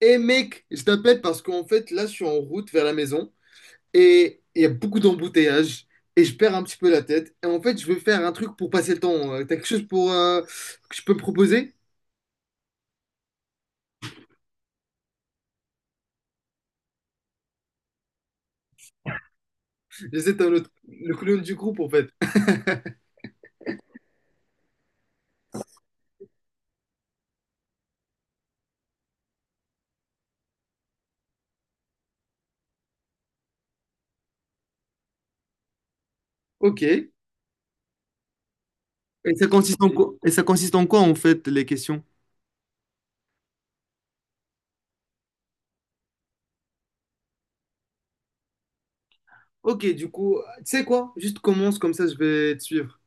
Eh mec, je t'appelle parce qu'en fait, là, je suis en route vers la maison et il y a beaucoup d'embouteillages et je perds un petit peu la tête. Et en fait, je veux faire un truc pour passer le temps. T'as quelque chose pour que je peux me proposer? J'essaie un autre, le clown du groupe, en fait. Ok. Et ça consiste en quoi? Et ça consiste en quoi en fait les questions? Ok, du coup, tu sais quoi? Juste commence comme ça, je vais te suivre.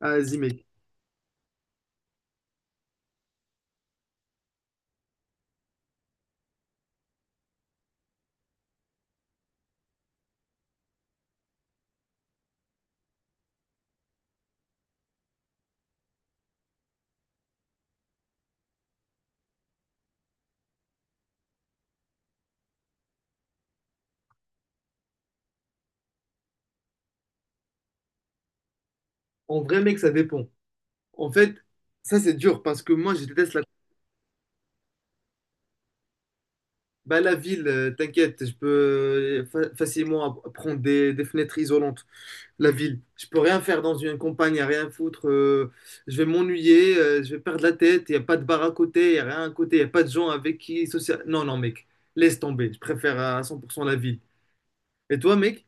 Ah, vas-y, mec. En vrai, mec, ça dépend. En fait, ça, c'est dur parce que moi, je déteste. Bah, la ville, t'inquiète, je peux facilement prendre des fenêtres isolantes. La ville, je peux rien faire dans une campagne, à rien foutre. Je vais m'ennuyer, je vais perdre la tête. Il n'y a pas de bar à côté, il n'y a rien à côté, il n'y a pas de gens avec qui social. Non, non, mec, laisse tomber. Je préfère à 100% la ville. Et toi, mec?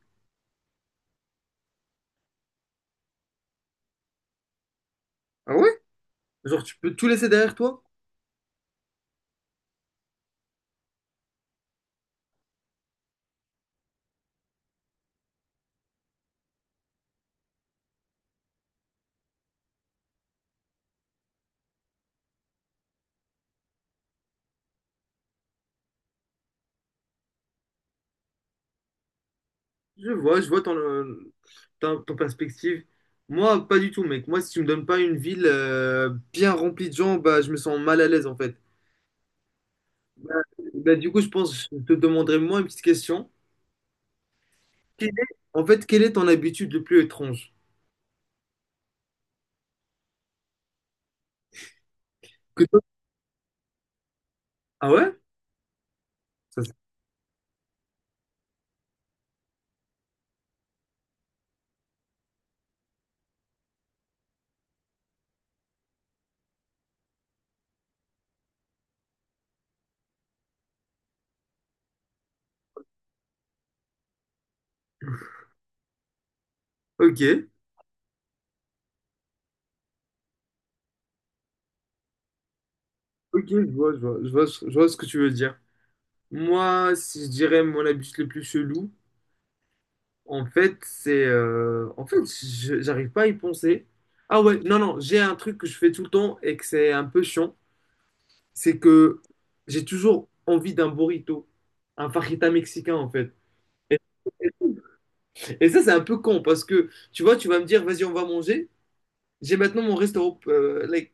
Ah ouais? Genre, tu peux tout laisser derrière toi? Je vois ton perspective. Moi, pas du tout, mec. Moi, si tu me donnes pas une ville bien remplie de gens, bah, je me sens mal à l'aise en fait. Bah, bah, du coup, je pense que je te demanderai moi une petite question. En fait, quelle est ton habitude le plus étrange? Que toi- Ah ouais? Ça, c'est- ok, ok, je vois, je vois, je vois ce que tu veux dire. Moi, si je dirais mon habitude le plus chelou, en fait, En fait, j'arrive pas à y penser. Ah ouais, non, non, j'ai un truc que je fais tout le temps et que c'est un peu chiant. C'est que j'ai toujours envie d'un burrito, un fajita mexicain, en fait. Et ça, c'est un peu con parce que, tu vois, tu vas me dire, vas-y, on va manger. J'ai maintenant mon restaurant, like,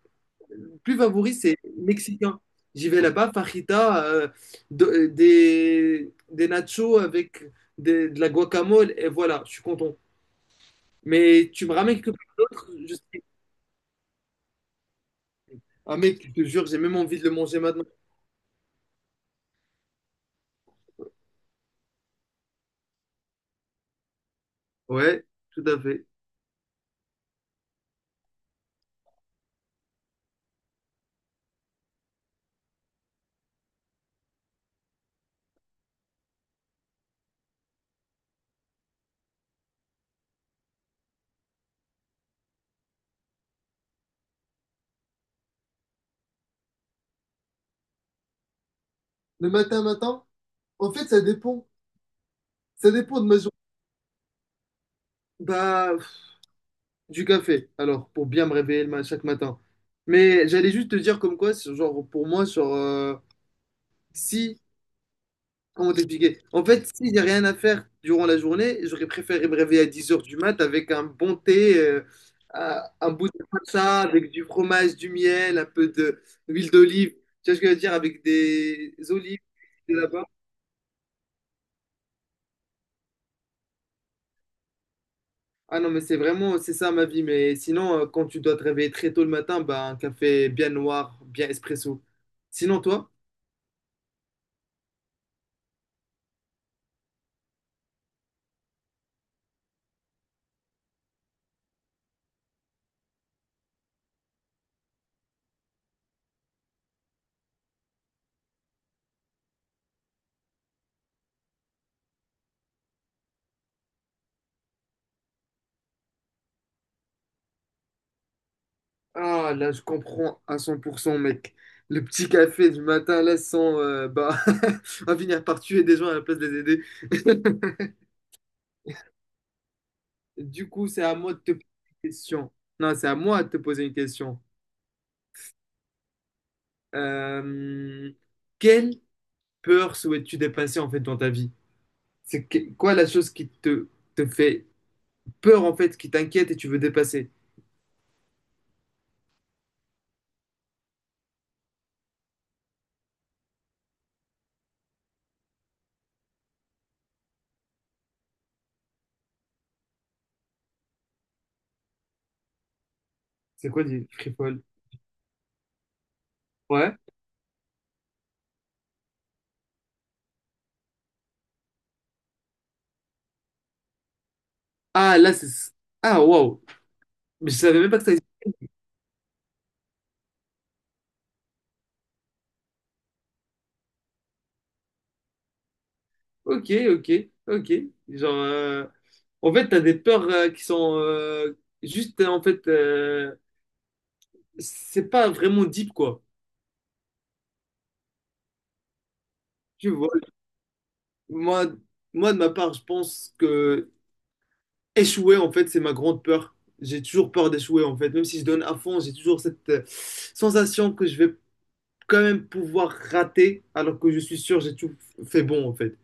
plus favori, c'est mexicain. J'y vais là-bas, fajita, des nachos avec de la guacamole, et voilà, je suis content. Mais tu me ramènes quelque chose d'autre, je sais. Ah mec, je te jure, j'ai même envie de le manger maintenant. Ouais, tout à fait. Le matin, matin, en fait, ça dépend. Ça dépend de ma journée. Bah, pff, du café, alors, pour bien me réveiller chaque matin. Mais j'allais juste te dire comme quoi, c'est genre, pour moi, sur si Comment t'expliquer? En fait, si j'ai rien à faire durant la journée, j'aurais préféré me réveiller à 10 heures du mat avec un bon thé, un bout de pizza avec du fromage, du miel, un peu d'huile d'olive. Tu vois ce que je veux dire? Avec des olives de là-bas. Ah non, mais c'est vraiment, c'est ça ma vie. Mais sinon, quand tu dois te réveiller très tôt le matin, bah, un café bien noir, bien espresso. Sinon, toi? Ah, là, je comprends à 100% mec. Le petit café du matin, là, sans, bah, on va finir par tuer des gens à la place de les aider. Du coup, c'est à moi de te poser une question. Non, c'est à moi de te poser une question. Euh, Quelle peur souhaites-tu dépasser, en fait, dans ta vie? C'est quoi la chose qui te fait peur, en fait, qui t'inquiète et tu veux dépasser? C'est quoi, les frivoles? Ouais. Ah, là, c'est. Ah, wow. Mais je savais même pas que ça. Ok, ok, ok. Genre, en fait, t'as des peurs qui sont juste, en fait, c'est pas vraiment deep, quoi. Tu vois, moi, moi, de ma part, je pense que échouer, en fait, c'est ma grande peur. J'ai toujours peur d'échouer, en fait. Même si je donne à fond, j'ai toujours cette sensation que je vais quand même pouvoir rater, alors que je suis sûr, j'ai tout fait bon, en fait.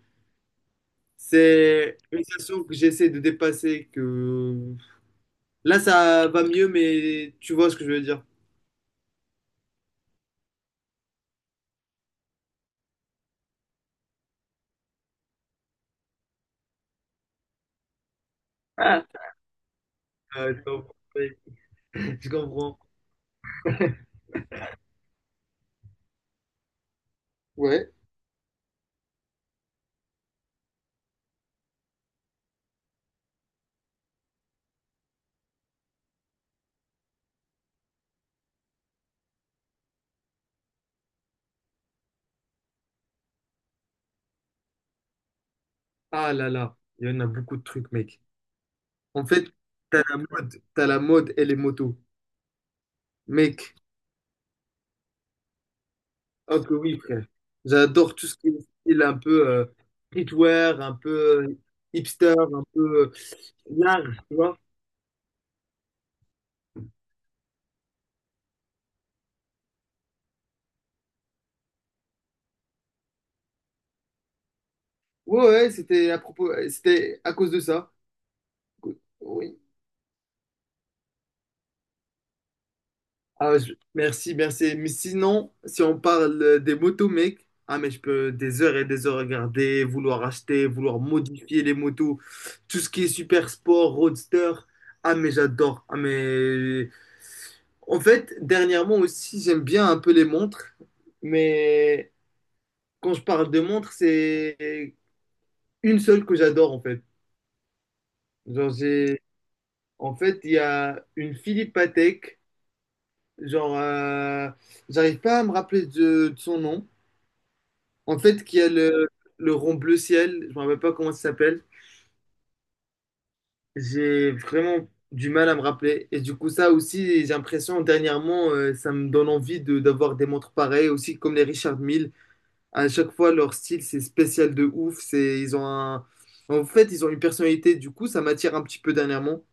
C'est une sensation que j'essaie de dépasser, que là, ça va mieux, mais tu vois ce que je veux dire. Ah, je comprends, mec. Je comprends. Ouais. Ah là là, il y en a beaucoup de trucs, mec. En fait, t'as la mode et les motos. Mec, oh que oui, frère. J'adore tout ce qui est style un peu streetwear, un peu euh, hipster, un peu large, tu vois. Ouais, ouais, c'était à propos, c'était à cause de ça. Oui, ah, merci, merci. Mais sinon, si on parle des motos, mec, ah, mais je peux des heures et des heures regarder, vouloir acheter, vouloir modifier les motos, tout ce qui est super sport, roadster. Ah, mais j'adore. Ah, mais en fait, dernièrement aussi, j'aime bien un peu les montres. Mais quand je parle de montres, c'est une seule que j'adore en fait. Genre, j'ai en fait, il y a une Philippe Patek. Genre, j'arrive pas à me rappeler de son nom. En fait, qu'il y a le, rond bleu ciel, je me rappelle pas comment ça s'appelle. J'ai vraiment du mal à me rappeler. Et du coup, ça aussi, j'ai l'impression, dernièrement, ça me donne envie de d'avoir des montres pareilles, aussi comme les Richard Mille. À chaque fois, leur style, c'est spécial de ouf. C'est, ils ont un. En fait, ils ont une personnalité. Du coup, ça m'attire un petit peu dernièrement.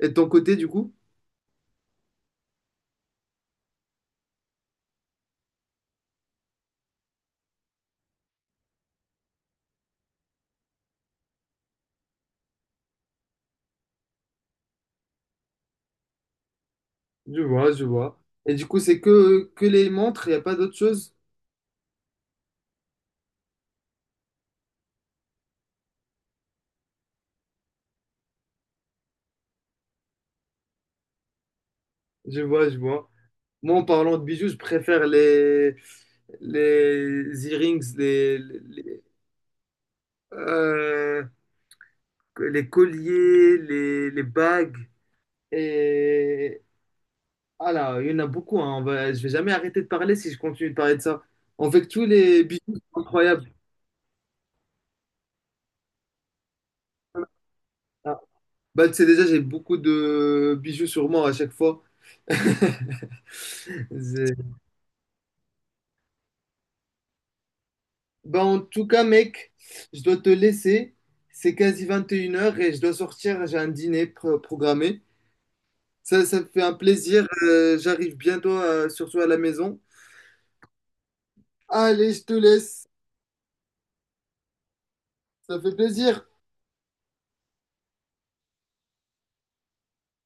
Et de ton côté, du coup? Je vois, je vois. Et du coup, c'est que, les montres, il n'y a pas d'autre chose? Je vois, je vois. Moi, en parlant de bijoux, je préfère les earrings, euh, les colliers, les bagues. Et ah là, il y en a beaucoup. Hein. Je vais jamais arrêter de parler si je continue de parler de ça. En fait, tous les bijoux sont incroyables. Ah. Bah, tu sais déjà, j'ai beaucoup de bijoux sur moi à chaque fois. C'est- bah, en tout cas, mec, je dois te laisser. C'est quasi 21 heures et je dois sortir. J'ai un dîner programmé. Ça me fait un plaisir. J'arrive bientôt, surtout à la maison. Allez, je te laisse. Ça fait plaisir.